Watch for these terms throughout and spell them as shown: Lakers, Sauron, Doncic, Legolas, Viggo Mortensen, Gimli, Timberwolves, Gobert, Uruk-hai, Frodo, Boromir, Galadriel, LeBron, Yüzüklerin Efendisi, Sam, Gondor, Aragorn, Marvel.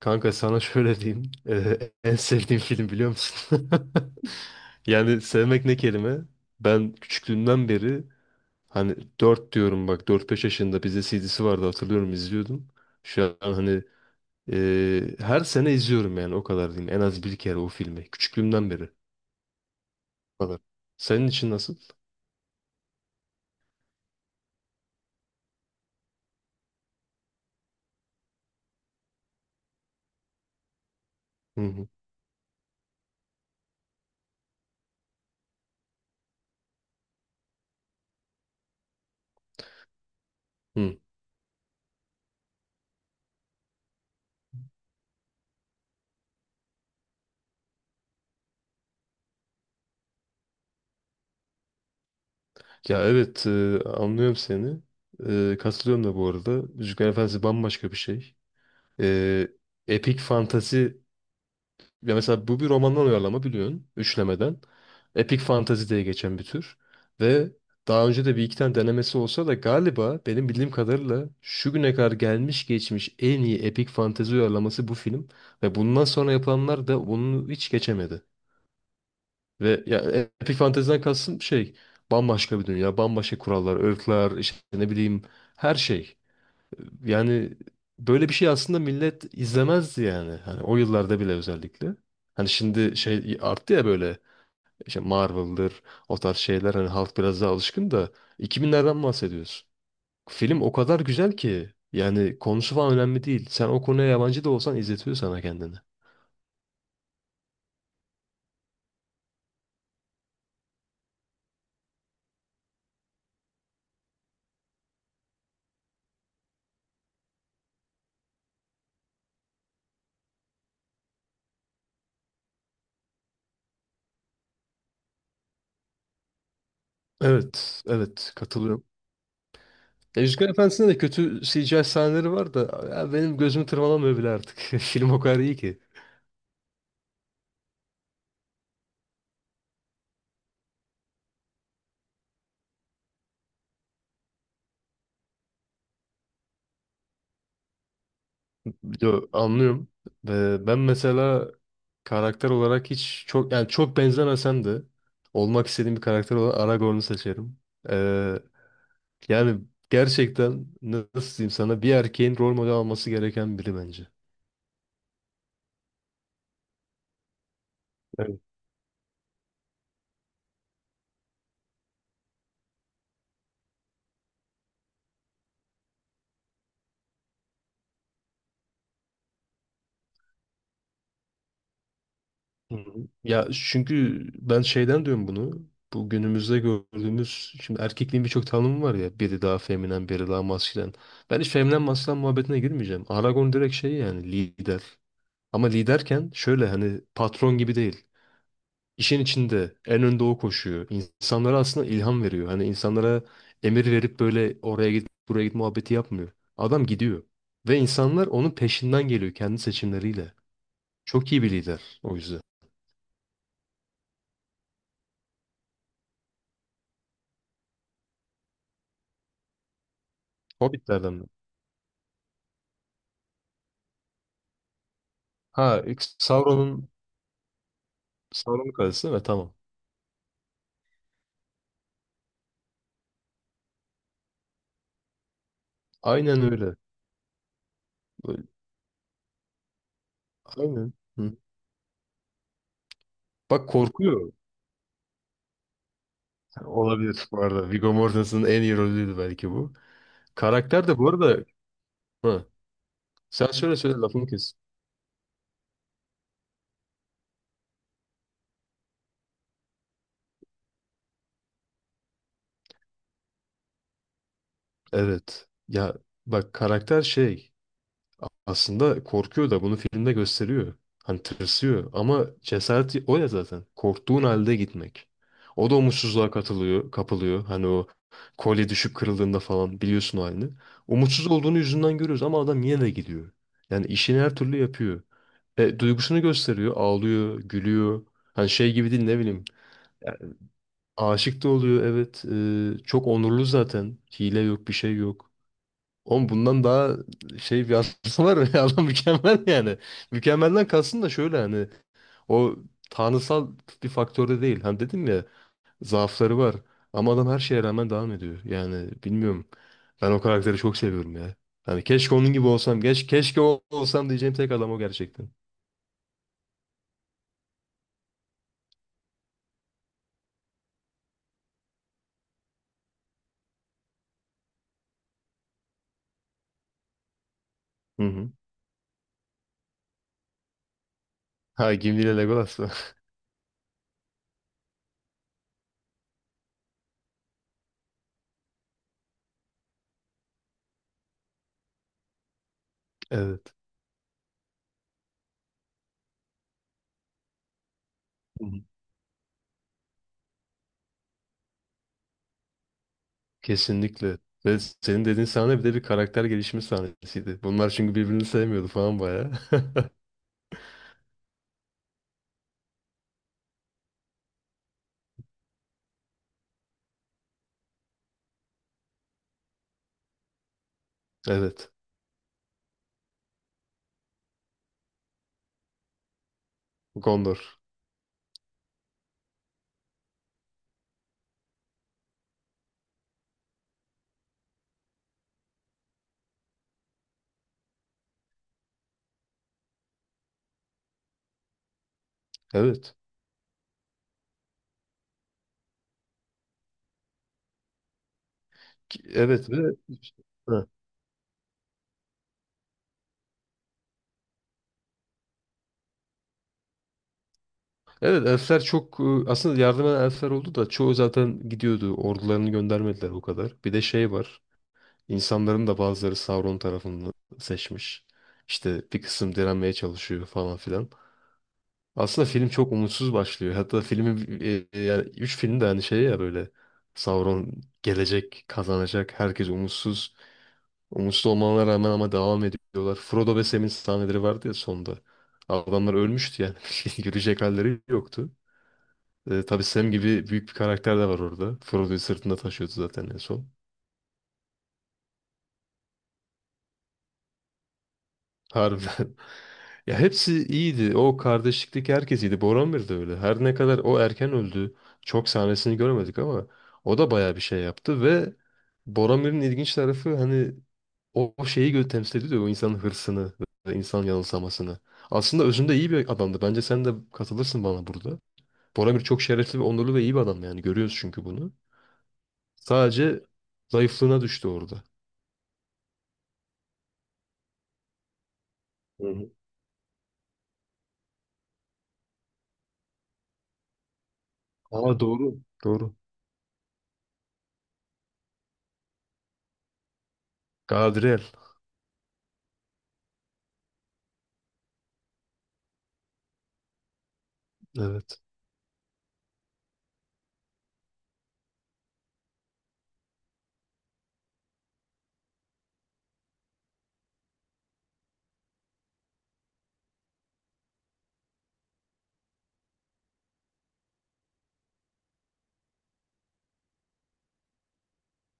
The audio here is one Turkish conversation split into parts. Kanka sana şöyle diyeyim. En sevdiğim film biliyor musun? Yani sevmek ne kelime? Ben küçüklüğümden beri hani dört diyorum bak dört beş yaşında bizde CD'si vardı hatırlıyorum izliyordum. Şu an hani her sene izliyorum yani o kadar diyeyim. En az bir kere o filmi. Küçüklüğümden beri. Kadar. Senin için nasıl? Hı hı. Hı. Ya evet, anlıyorum seni. E, katılıyorum da bu arada. Yüzüklerin Efendisi bambaşka bir şey. E, epik fantazi, ya mesela bu bir romandan uyarlama biliyorsun. Üçlemeden. Epik fantazi diye geçen bir tür. Ve daha önce de bir iki tane denemesi olsa da galiba benim bildiğim kadarıyla şu güne kadar gelmiş geçmiş en iyi epik fantezi uyarlaması bu film. Ve bundan sonra yapılanlar da bunu hiç geçemedi. Ve ya epik Fantasy'den kastım şey, bambaşka bir dünya, bambaşka kurallar, öğütler, işte ne bileyim, her şey. Yani böyle bir şey aslında millet izlemezdi yani. Hani o yıllarda bile özellikle. Hani şimdi şey arttı ya, böyle işte Marvel'dır, o tarz şeyler, hani halk biraz daha alışkın da 2000'lerden bahsediyorsun. Film o kadar güzel ki yani konusu falan önemli değil. Sen o konuya yabancı da olsan izletiyor sana kendini. Evet, evet katılıyorum. Ya Yüzükler Efendisi'nde de kötü CGI sahneleri var da ya benim gözümü tırmalamıyor bile artık. Film o kadar iyi ki. Yo, anlıyorum. Ve ben mesela karakter olarak hiç çok yani çok benzemesem de olmak istediğim bir karakter olan Aragorn'u seçerim. Ee, yani gerçekten nasıl diyeyim sana, bir erkeğin rol model alması gereken biri bence. Hı hı. Ya çünkü ben şeyden diyorum bunu. Bu günümüzde gördüğümüz, şimdi erkekliğin birçok tanımı var ya. Biri daha feminen, biri daha maskülen. Ben hiç feminen maskülen muhabbetine girmeyeceğim. Aragon direkt şey, yani lider. Ama liderken şöyle hani patron gibi değil. İşin içinde en önde o koşuyor. İnsanlara aslında ilham veriyor. Hani insanlara emir verip böyle oraya git buraya git muhabbeti yapmıyor. Adam gidiyor. Ve insanlar onun peşinden geliyor, kendi seçimleriyle. Çok iyi bir lider o yüzden. Hobbitlerden mi? Ha, Sauron'un Sauron'un kalesi değil mi? Tamam. Aynen öyle. Böyle- Aynen. Hı. Bak korkuyor. Olabilir bu arada. Viggo Mortensen'ın en iyi rolüydü belki bu. Karakter de bu arada... Hı. Sen söyle söyle, lafını kes. Evet. Ya bak karakter şey... Aslında korkuyor da bunu filmde gösteriyor. Hani tırsıyor ama cesareti o ya zaten. Korktuğun halde gitmek. O da umutsuzluğa katılıyor, kapılıyor. Hani o kolye düşüp kırıldığında falan biliyorsun o halini. Umutsuz olduğunu yüzünden görüyoruz ama adam yine de gidiyor. Yani işini her türlü yapıyor. E, duygusunu gösteriyor. Ağlıyor, gülüyor. Hani şey gibi değil, ne bileyim. Aşık da oluyor, evet. E, çok onurlu zaten. Hile yok, bir şey yok. Oğlum bundan daha şey, bir aslı var mı? Adam mükemmel yani. Mükemmelden kalsın da şöyle hani, o tanrısal bir faktörde değil. Hani dedim ya, zaafları var. Ama adam her şeye rağmen devam ediyor. Yani bilmiyorum. Ben o karakteri çok seviyorum ya. Hani keşke onun gibi olsam. Keşke o olsam diyeceğim tek adam o gerçekten. Hı hı. Ha Gimli ile Legolas mı? Evet. Hı hı. Kesinlikle. Ve senin dediğin sahne bir de bir karakter gelişimi sahnesiydi. Bunlar çünkü birbirini sevmiyordu falan bayağı. Evet. Gondor. Evet. Evet ve, ha, evet elfler çok, aslında yardım eden elfler oldu da çoğu zaten gidiyordu. Ordularını göndermediler o kadar. Bir de şey var. İnsanların da bazıları Sauron tarafını seçmiş. İşte bir kısım direnmeye çalışıyor falan filan. Aslında film çok umutsuz başlıyor. Hatta filmin yani 3 film de hani şey ya, böyle Sauron gelecek, kazanacak, herkes umutsuz. Umutsuz olmalarına rağmen ama devam ediyorlar. Frodo ve Sam'in sahneleri vardı ya sonda. Adamlar ölmüştü yani. Yürüyecek halleri yoktu. Tabii Sam gibi büyük bir karakter de var orada. Frodo'yu sırtında taşıyordu zaten en son. Harbiden. Ya hepsi iyiydi. O kardeşlikteki herkes iyiydi. Boromir de öyle. Her ne kadar o erken öldü. Çok sahnesini göremedik ama o da bayağı bir şey yaptı ve Boromir'in ilginç tarafı hani, O şeyi temsil ediyor ya, o insanın hırsını ve insan yanılsamasını. Aslında özünde iyi bir adamdı. Bence sen de katılırsın bana burada. Boramir çok şerefli ve onurlu ve iyi bir adam yani. Görüyoruz çünkü bunu. Sadece zayıflığına düştü orada. Hı hı. Aa, doğru. Doğru. Galadriel. Evet.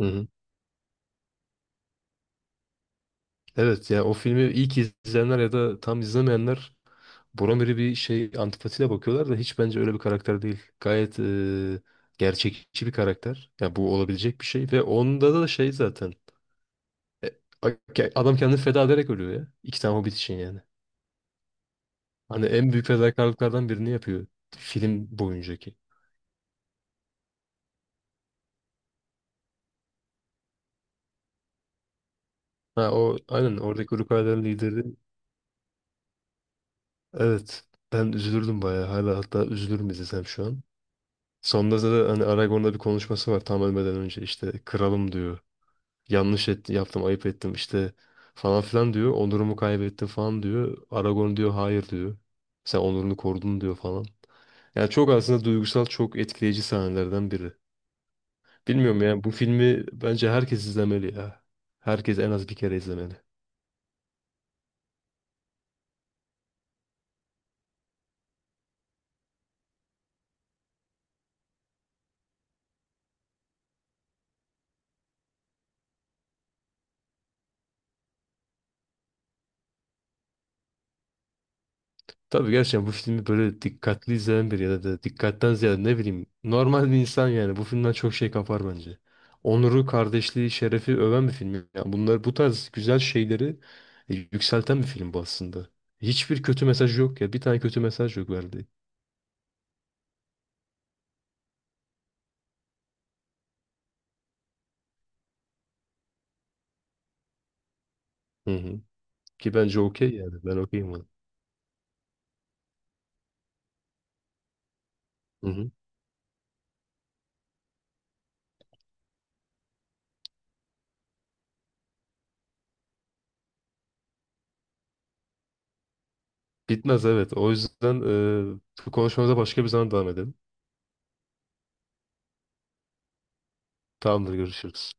Hı hı. Evet ya, o filmi ilk izleyenler ya da tam izlemeyenler Boromir'i bir şey antipatiyle bakıyorlar da, hiç bence öyle bir karakter değil. Gayet gerçekçi bir karakter. Ya bu olabilecek bir şey ve onda da şey zaten. E, okey, adam kendini feda ederek ölüyor ya. İki tane Hobbit için yani. Hani en büyük fedakarlıklardan birini yapıyor film boyuncaki. Ha o aynen oradaki Uruk-hai lideri. Evet. Ben üzülürdüm bayağı. Hala hatta üzülürüm izlesem şu an. Sonunda da hani Aragorn'da bir konuşması var tam ölmeden önce, işte kralım diyor. Yanlış ettim, yaptım, ayıp ettim işte falan filan diyor. Onurumu kaybettim falan diyor. Aragorn diyor hayır diyor. Sen onurunu korudun diyor falan. Yani çok aslında duygusal, çok etkileyici sahnelerden biri. Bilmiyorum ya, bu filmi bence herkes izlemeli ya. Herkes en az bir kere izlemeli. Tabii gerçekten bu filmi böyle dikkatli izleyen biri ya da da dikkatten ziyade ne bileyim normal bir insan yani bu filmden çok şey kapar bence. Onuru, kardeşliği, şerefi öven bir film. Yani bunlar, bu tarz güzel şeyleri yükselten bir film bu aslında. Hiçbir kötü mesaj yok ya. Bir tane kötü mesaj yok verdiği. Hı hı. Ki bence okey yani. Ben okeyim ona. Hı hı. Bitmez evet. O yüzden bu konuşmamıza başka bir zaman devam edelim. Tamamdır, görüşürüz.